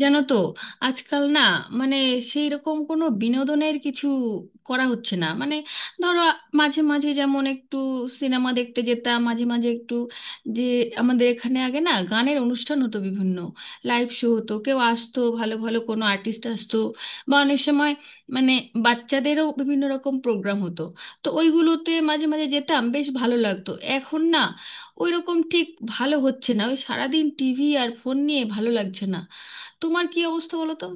জানো তো? আজকাল না, মানে সেই রকম কোনো বিনোদনের কিছু করা হচ্ছে না। ধরো, মাঝে মাঝে যেমন একটু সিনেমা দেখতে যেতাম। মাঝে মাঝে একটু যে আমাদের এখানে আগে না গানের অনুষ্ঠান হতো বিভিন্ন, লাইভ শো হতো, কেউ আসতো, ভালো ভালো কোনো আর্টিস্ট আসতো, বা অনেক সময় মানে বাচ্চাদেরও বিভিন্ন রকম প্রোগ্রাম হতো। তো ওইগুলোতে মাঝে মাঝে যেতাম, বেশ ভালো লাগতো। এখন না ওইরকম ঠিক ভালো হচ্ছে না। ওই সারাদিন টিভি আর ফোন নিয়ে ভালো লাগছে না। তোমার কি অবস্থা বলো তো?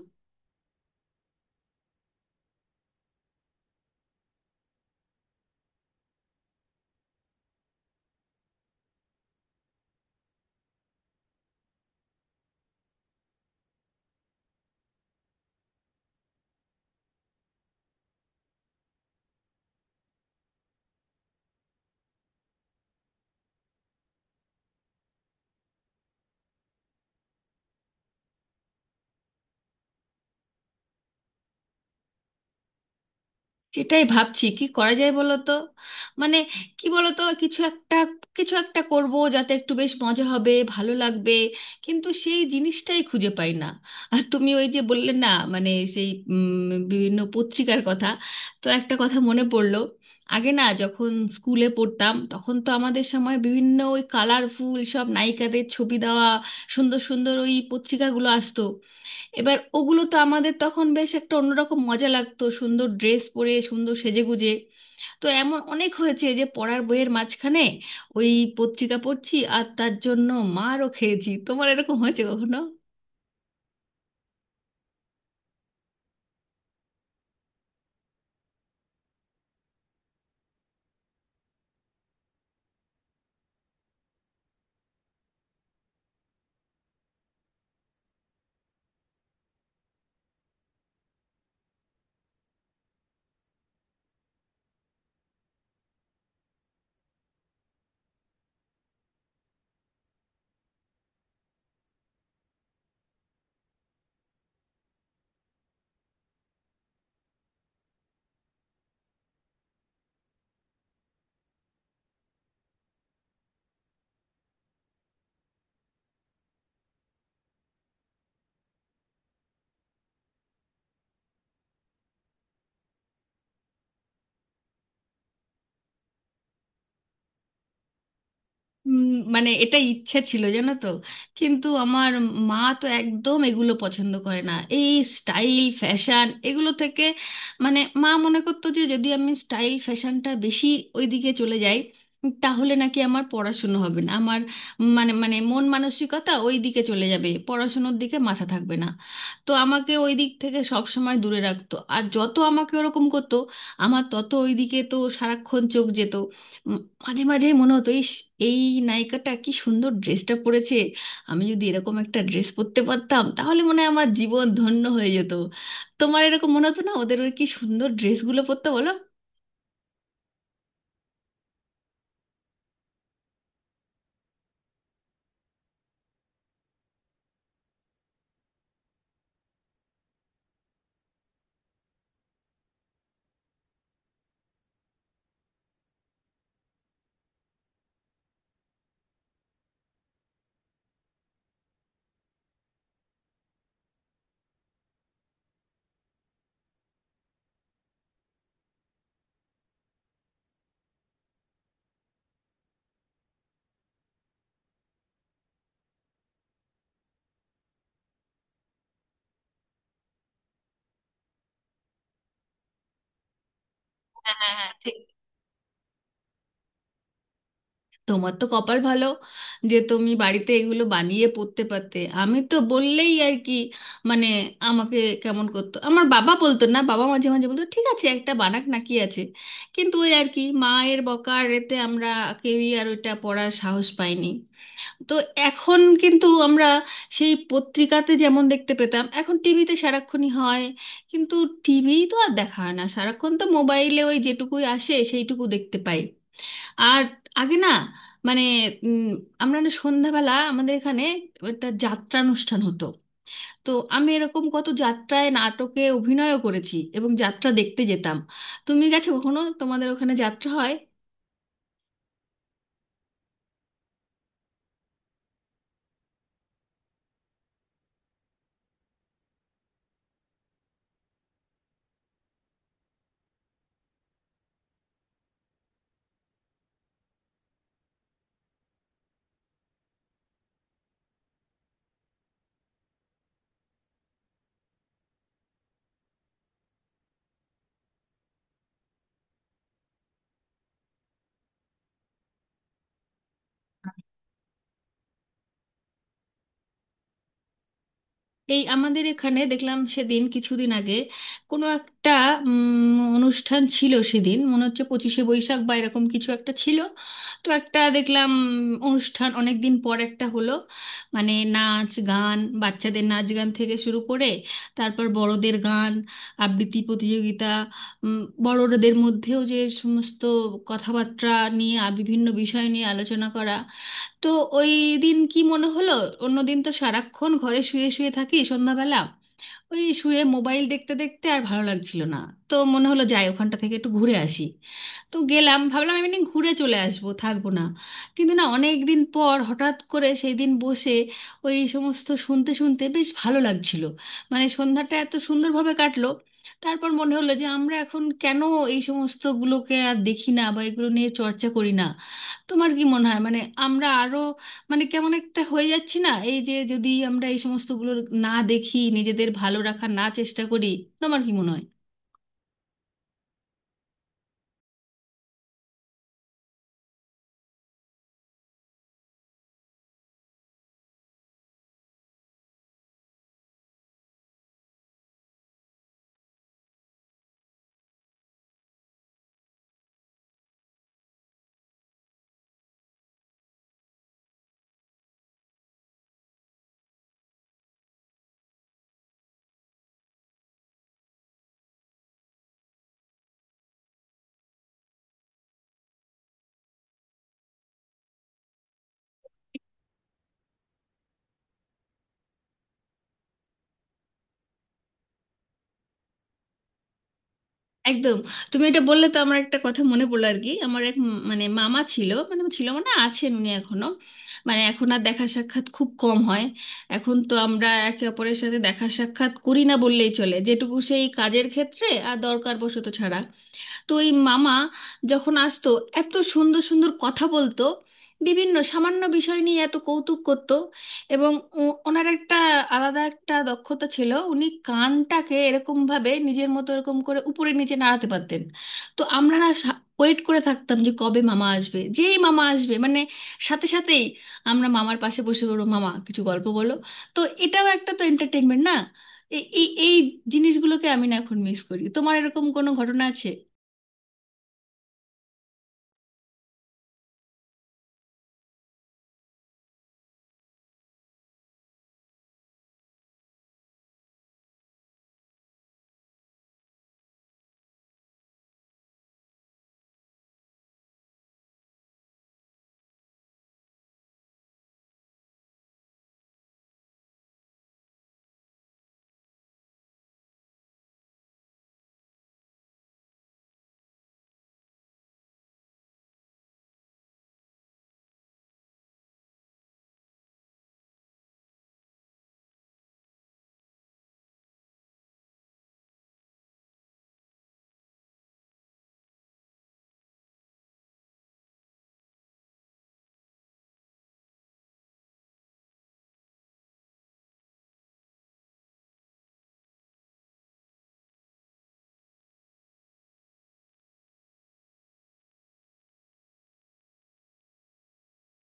সেটাই ভাবছি কি করা যায় বলো তো। মানে কি বলো তো, কিছু একটা, করব, যাতে একটু বেশ মজা হবে, ভালো লাগবে। কিন্তু সেই জিনিসটাই খুঁজে পাই না। আর তুমি ওই যে বললে না, সেই বিভিন্ন পত্রিকার কথা, তো একটা কথা মনে পড়লো। আগে না যখন স্কুলে পড়তাম, তখন তো আমাদের সময় বিভিন্ন ওই কালারফুল সব নায়িকাদের ছবি দেওয়া সুন্দর সুন্দর ওই পত্রিকাগুলো আসতো। এবার ওগুলো তো আমাদের তখন বেশ একটা অন্যরকম মজা লাগতো, সুন্দর ড্রেস পরে সুন্দর সেজেগুজে। তো এমন অনেক হয়েছে যে পড়ার বইয়ের মাঝখানে ওই পত্রিকা পড়ছি, আর তার জন্য মারও খেয়েছি। তোমার এরকম হয়েছে কখনো? উম, এটা ইচ্ছে ছিল, জানো তো, কিন্তু আমার মা তো একদম এগুলো পছন্দ করে না, এই স্টাইল ফ্যাশন এগুলো থেকে। মা মনে করতো যে যদি আমি স্টাইল ফ্যাশনটা বেশি ওইদিকে চলে যাই, তাহলে নাকি আমার পড়াশুনো হবে না। আমার মানে মানে মন মানসিকতা ওই দিকে চলে যাবে, পড়াশুনোর দিকে মাথা থাকবে না। তো আমাকে ওই দিক থেকে সব সময় দূরে রাখতো, আর যত আমাকে ওরকম করতো আমার তত ওই দিকে তো সারাক্ষণ চোখ যেত। মাঝে মাঝে মনে হতো, ইস, এই নায়িকাটা কি সুন্দর ড্রেসটা পরেছে, আমি যদি এরকম একটা ড্রেস পরতে পারতাম, তাহলে মনে হয় আমার জীবন ধন্য হয়ে যেত। তোমার এরকম মনে হতো না ওদের ওই কি সুন্দর ড্রেসগুলো পরতে, বলো? হ্যাঁ, হ্যাঁ, হ্যাঁ, ঠিক। তোমার তো কপাল ভালো যে তুমি বাড়িতে এগুলো বানিয়ে পরতে পারতে। আমি তো বললেই আর কি, মানে আমাকে কেমন করতো। আমার বাবা বলতো না, বাবা মাঝে মাঝে বলতো ঠিক আছে একটা বানাক, না কি আছে। কিন্তু ওই আর কি, মায়ের বকার এতে আমরা কেউই আর ওইটা পড়ার সাহস পাইনি। তো এখন কিন্তু আমরা সেই পত্রিকাতে যেমন দেখতে পেতাম, এখন টিভিতে সারাক্ষণই হয়। কিন্তু টিভি তো আর দেখা হয় না সারাক্ষণ, তো মোবাইলে ওই যেটুকুই আসে সেইটুকু দেখতে পাই। আর আগে না, মানে উম, আমরা না সন্ধ্যাবেলা আমাদের এখানে একটা যাত্রা অনুষ্ঠান হতো। তো আমি এরকম কত যাত্রায় নাটকে অভিনয়ও করেছি, এবং যাত্রা দেখতে যেতাম। তুমি গেছো কখনো? তোমাদের ওখানে যাত্রা হয়? এই আমাদের এখানে দেখলাম সেদিন, কিছুদিন আগে কোনো একটা অনুষ্ঠান ছিল। সেদিন মনে হচ্ছে পঁচিশে বৈশাখ বা এরকম কিছু একটা ছিল। তো একটা দেখলাম অনুষ্ঠান, অনেক দিন পর একটা হলো। মানে নাচ গান, বাচ্চাদের নাচ গান থেকে শুরু করে, তারপর বড়দের গান, আবৃত্তি প্রতিযোগিতা, উম, বড়দের মধ্যেও যে সমস্ত কথাবার্তা বিভিন্ন বিষয় নিয়ে আলোচনা করা। তো ওই দিন কি মনে হলো, অন্যদিন তো সারাক্ষণ ঘরে শুয়ে শুয়ে থাকি সন্ধ্যাবেলা, ওই শুয়ে মোবাইল দেখতে দেখতে আর ভালো লাগছিল না। তো মনে হলো যাই, ওখানটা থেকে একটু ঘুরে আসি। তো গেলাম, ভাবলাম আমি একদিন ঘুরে চলে আসবো, থাকবো না। কিন্তু না, অনেক দিন পর হঠাৎ করে সেই দিন বসে ওই সমস্ত শুনতে শুনতে বেশ ভালো লাগছিল। মানে সন্ধ্যাটা এত সুন্দরভাবে কাটলো। তারপর মনে হলো যে আমরা এখন কেন এই সমস্তগুলোকে আর দেখি না, বা এগুলো নিয়ে চর্চা করি না। তোমার কি মনে হয়? আমরা আরো, মানে কেমন একটা হয়ে যাচ্ছে না, এই যে যদি আমরা এই সমস্তগুলো না দেখি, নিজেদের ভালো রাখার না চেষ্টা করি, তোমার কি মনে হয়? একদম। তুমি এটা বললে তো আমার একটা কথা মনে পড়লো আর কি। আমার এক মানে মামা ছিল, মানে ছিল মানে আছেন উনি এখনো। মানে এখন আর দেখা সাক্ষাৎ খুব কম হয়। এখন তো আমরা একে অপরের সাথে দেখা সাক্ষাৎ করি না বললেই চলে, যেটুকু সেই কাজের ক্ষেত্রে আর দরকার বশত ছাড়া। তো এই মামা যখন আসতো, এত সুন্দর সুন্দর কথা বলতো, বিভিন্ন সামান্য বিষয় নিয়ে এত কৌতুক করতো। এবং ওনার একটা আলাদা একটা দক্ষতা ছিল, উনি কানটাকে এরকম ভাবে নিজের মতো এরকম করে উপরে নিচে নাড়াতে পারতেন। তো আমরা না ওয়েট করে থাকতাম যে কবে মামা আসবে। যেই মামা আসবে, সাথে সাথেই আমরা মামার পাশে বসে বলবো, মামা কিছু গল্প বলো। তো এটাও একটা তো এন্টারটেনমেন্ট না? এই এই এই জিনিসগুলোকে আমি না এখন মিস করি। তোমার এরকম কোনো ঘটনা আছে?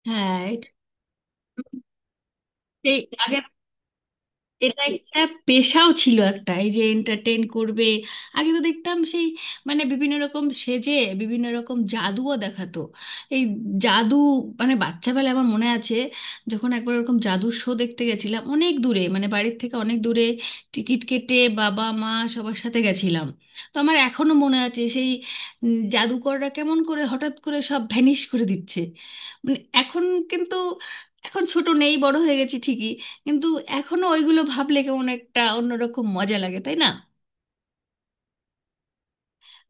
হ্যাঁ, এটা সেই আগে এটা একটা পেশাও ছিল একটা, এই যে এন্টারটেন করবে। আগে তো দেখতাম সেই, মানে বিভিন্ন রকম সেজে বিভিন্ন রকম জাদুও দেখাতো। এই জাদু, মানে বাচ্চাবেলায় আমার মনে আছে, যখন একবার ওরকম জাদুর শো দেখতে গেছিলাম অনেক দূরে, মানে বাড়ির থেকে অনেক দূরে, টিকিট কেটে বাবা মা সবার সাথে গেছিলাম। তো আমার এখনো মনে আছে সেই জাদুকররা কেমন করে হঠাৎ করে সব ভ্যানিশ করে দিচ্ছে। মানে এখন, কিন্তু এখন ছোট নেই, বড় হয়ে গেছি ঠিকই, কিন্তু এখনো ওইগুলো ভাবলে কেমন একটা অন্যরকম মজা লাগে, তাই না?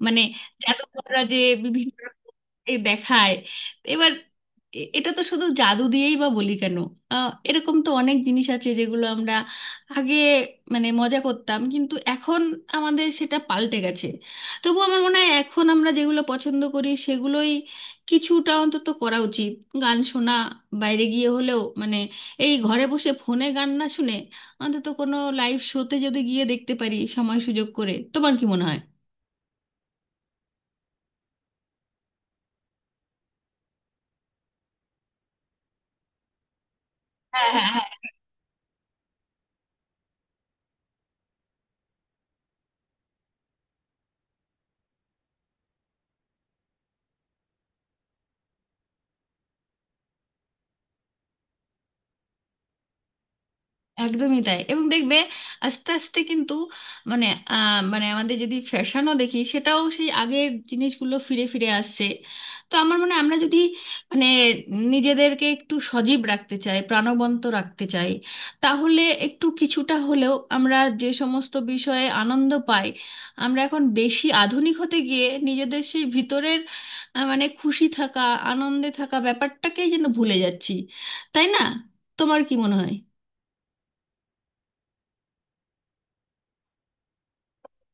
মানে জাদুকররা যে বিভিন্ন রকম এ দেখায়। এবার এটা তো শুধু জাদু দিয়েই বা বলি কেন, এরকম তো অনেক জিনিস আছে যেগুলো আমরা আগে, মানে মজা করতাম, কিন্তু এখন আমাদের সেটা পাল্টে গেছে। তবু আমার মনে হয় এখন আমরা যেগুলো পছন্দ করি সেগুলোই কিছুটা অন্তত করা উচিত। গান শোনা বাইরে গিয়ে হলেও, মানে এই ঘরে বসে ফোনে গান না শুনে অন্তত কোনো লাইভ শোতে যদি গিয়ে দেখতে পারি সময় সুযোগ করে, তোমার কি মনে হয়? হ্যাঁ, হ্যাঁ, একদমই তাই। এবং দেখবে আস্তে আস্তে কিন্তু, মানে মানে আমাদের যদি ফ্যাশনও দেখি, সেটাও সেই আগের জিনিসগুলো ফিরে ফিরে আসছে। তো আমার মনে হয় আমরা যদি, মানে নিজেদেরকে একটু সজীব রাখতে চাই, প্রাণবন্ত রাখতে চাই, তাহলে একটু কিছুটা হলেও আমরা যে সমস্ত বিষয়ে আনন্দ পাই, আমরা এখন বেশি আধুনিক হতে গিয়ে নিজেদের সেই ভিতরের মানে খুশি থাকা, আনন্দে থাকা ব্যাপারটাকেই যেন ভুলে যাচ্ছি, তাই না? তোমার কি মনে হয়?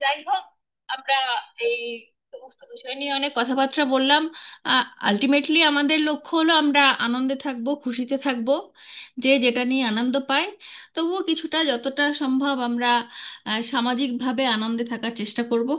যাই হোক, আমরা এই সমস্ত বিষয় নিয়ে অনেক কথাবার্তা বললাম। আলটিমেটলি আমাদের লক্ষ্য হলো আমরা আনন্দে থাকব, খুশিতে থাকব, যে যেটা নিয়ে আনন্দ পায়, তবুও কিছুটা যতটা সম্ভব আমরা সামাজিকভাবে আনন্দে থাকার চেষ্টা করব।